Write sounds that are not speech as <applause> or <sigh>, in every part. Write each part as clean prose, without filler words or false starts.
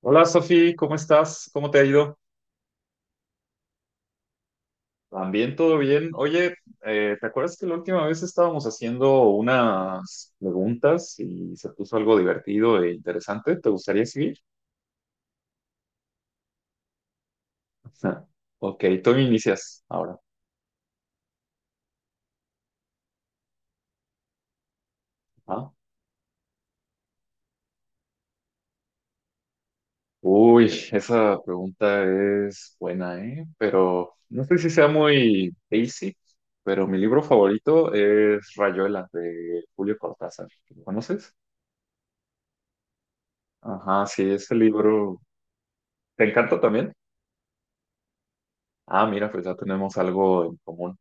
Hola Sofi, ¿cómo estás? ¿Cómo te ha ido? También todo bien. Oye, ¿te acuerdas que la última vez estábamos haciendo unas preguntas y se puso algo divertido e interesante? ¿Te gustaría seguir? <laughs> Ok, tú inicias ahora. Ah. Uy, esa pregunta es buena, ¿eh? Pero no sé si sea muy basic, pero mi libro favorito es Rayuela de Julio Cortázar. ¿Lo conoces? Ajá, sí, ese libro. ¿Te encanta también? Ah, mira, pues ya tenemos algo en común.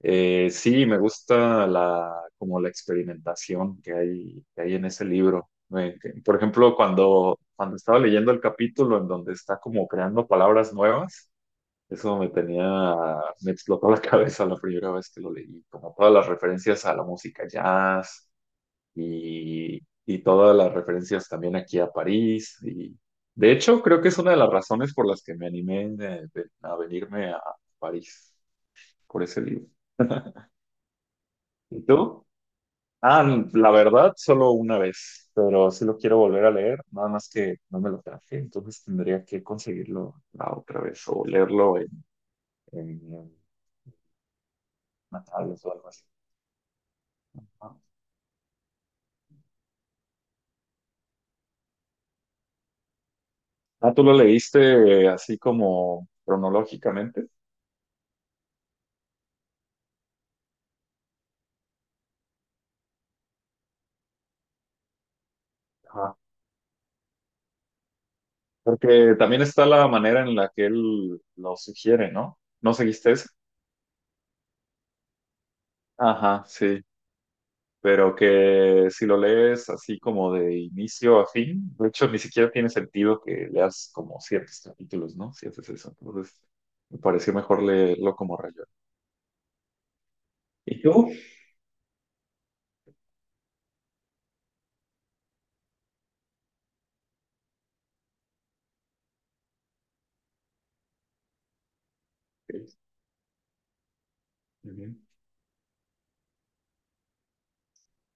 Sí, me gusta la, como la experimentación que hay en ese libro. Por ejemplo, cuando estaba leyendo el capítulo en donde está como creando palabras nuevas, eso me tenía, me explotó la <laughs> cabeza la primera vez que lo leí, como todas las referencias a la música jazz, y todas las referencias también aquí a París. Y de hecho, creo que es una de las razones por las que me animé a venirme a París por ese libro. ¿Y tú? Ah, la verdad, solo una vez, pero sí lo quiero volver a leer, nada más que no me lo traje, entonces tendría que conseguirlo la otra vez o leerlo en una tablet o algo así. ¿No? Ah, ¿tú lo leíste así como cronológicamente? Porque también está la manera en la que él lo sugiere, ¿no? ¿No seguiste eso? Ajá, sí. Pero que si lo lees así como de inicio a fin, de hecho ni siquiera tiene sentido que leas como ciertos capítulos, ¿no? Si haces eso. Entonces, me pareció mejor leerlo como rayón. ¿Y tú? Sí, ujú.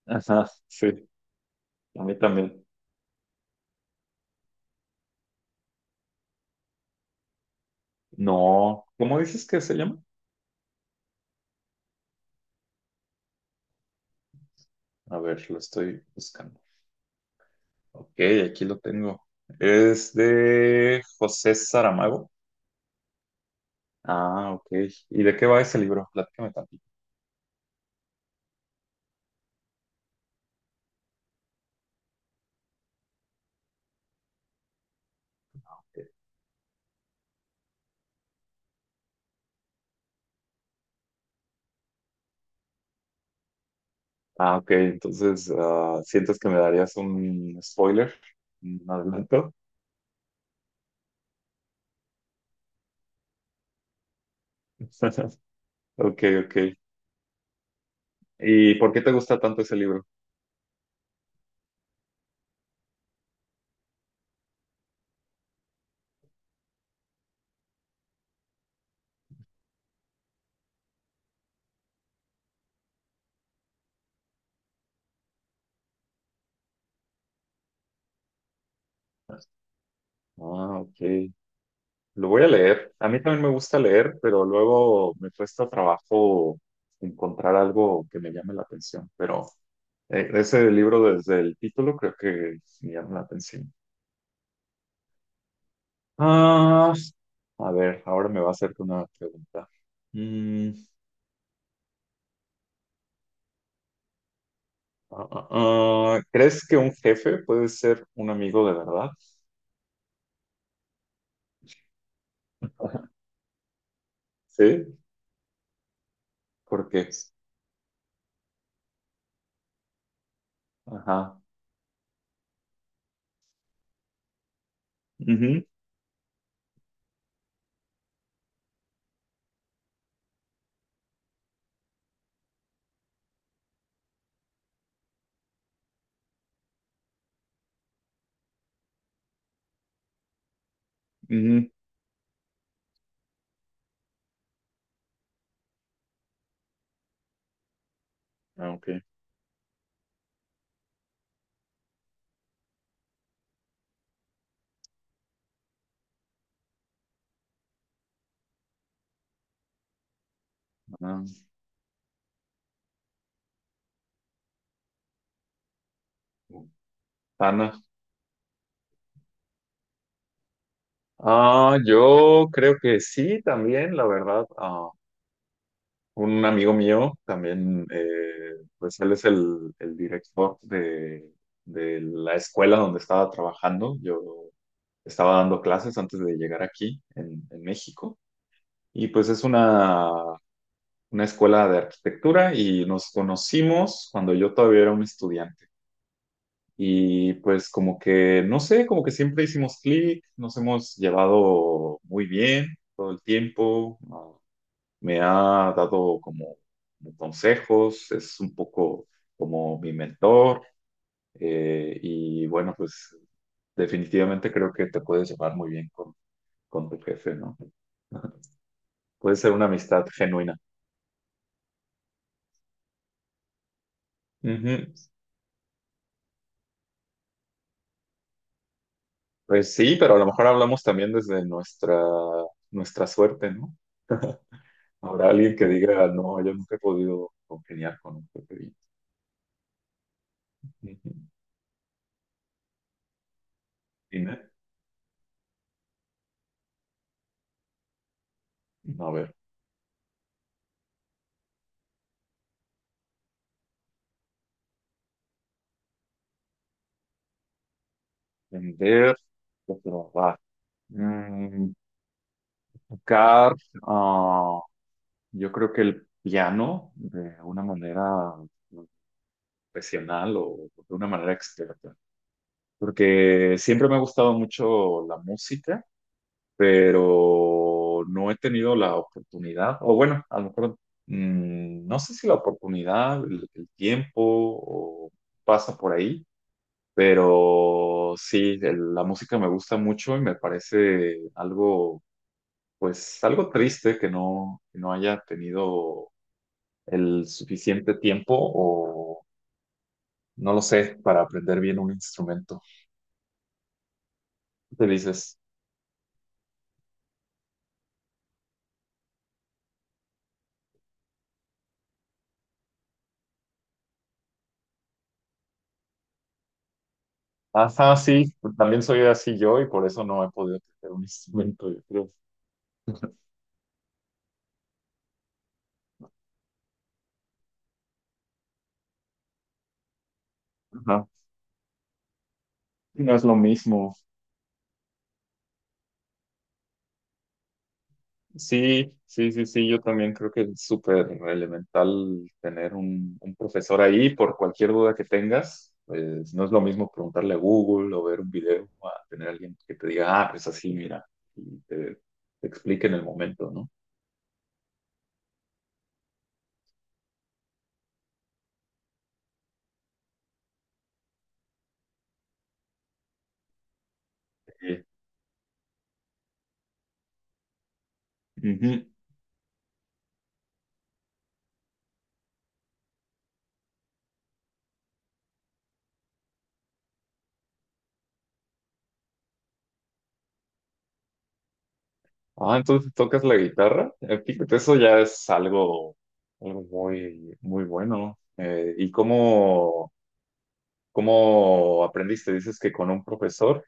Ajá, sí. A mí también. No. ¿Cómo dices que se llama? A ver, lo estoy buscando. Ok, aquí lo tengo. Es de José Saramago. Ah, ok. ¿Y de qué va ese libro? Platícame tantito. Ah, ok. Entonces, ah, ¿sientes que me darías un spoiler? ¿Un adelanto? <laughs> Ok, ok. ¿Y por qué te gusta tanto ese libro? Ah, ok. Lo voy a leer. A mí también me gusta leer, pero luego me cuesta trabajo encontrar algo que me llame la atención. Pero ese libro desde el título creo que me llama la atención. A ver, ahora me va a hacerte una pregunta. Mm, ah, ah, ¿Crees que un jefe puede ser un amigo de verdad? <laughs> Sí, ¿por qué? Ajá. Ujú, ujú. Ah, ok. Ah, Ana. Ah, yo creo que sí, también, la verdad. Ah, un amigo mío también, pues él es el director de la escuela donde estaba trabajando. Yo estaba dando clases antes de llegar aquí en México. Y pues es una escuela de arquitectura y nos conocimos cuando yo todavía era un estudiante. Y pues como que, no sé, como que siempre hicimos clic, nos hemos llevado muy bien todo el tiempo. Me ha dado como como consejos, es un poco como mi mentor. Y bueno, pues definitivamente creo que te puedes llevar muy bien con tu jefe, ¿no? Puede ser una amistad genuina. Ujú. Pues sí, pero a lo mejor hablamos también desde nuestra, nuestra suerte, ¿no? Habrá alguien que diga, no, yo nunca he podido congeniar con un pepe. Ujú. Dime. A ver, vender, trabajar, mm, tocar, ah, yo creo que el piano de una manera profesional o de una manera experta, porque siempre me ha gustado mucho la música pero no he tenido la oportunidad, o bueno, a lo mejor no sé si la oportunidad, el tiempo o pasa por ahí, pero sí, la música me gusta mucho y me parece algo, pues algo triste que no haya tenido el suficiente tiempo o no lo sé, para aprender bien un instrumento. Te dices, ajá, sí, también soy así yo y por eso no he podido aprender un <laughs> instrumento, yo creo. Ajá. Sí, no es lo mismo. Sí, sí, sí, sí, yo también creo que es súper elemental tener un profesor ahí por cualquier duda que tengas. Pues no es lo mismo preguntarle a Google o ver un video a tener alguien que te diga, ah, pues así, mira, y te, te explique en el momento, ¿no? Sí. Ujú. Ah, entonces tocas la guitarra. Fíjate, eso ya es algo, algo muy, muy bueno. ¿Y cómo aprendiste? Dices que con un profesor.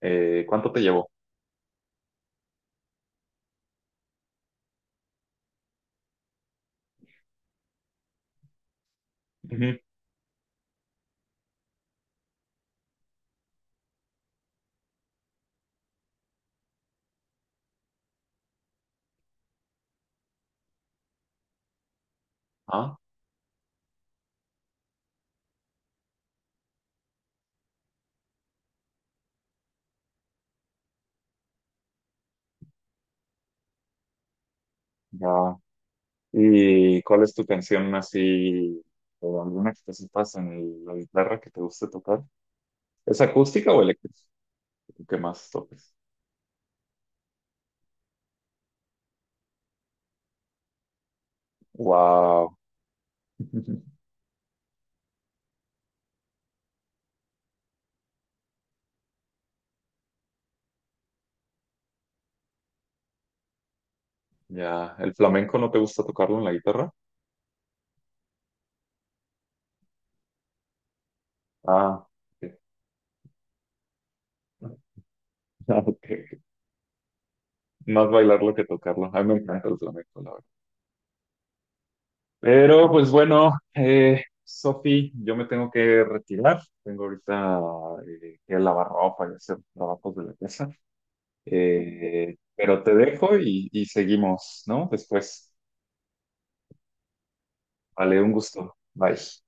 ¿Cuánto te llevó? Ujú. Ah, ya. ¿Y cuál es tu canción así, o alguna que te sepas en la guitarra que te guste tocar? ¿Es acústica o eléctrica? ¿Qué más toques? Wow. <laughs> Ya, ¿el flamenco no te gusta tocarlo en la guitarra? Ah, ok. <laughs> Ah, ok. Más bailarlo que tocarlo. A mí me encanta el flamenco, la verdad. Pero pues bueno, Sofi, yo me tengo que retirar. Tengo ahorita que lavar ropa y hacer trabajos de la casa. Pero te dejo y seguimos, ¿no? Después. Vale, un gusto. Bye.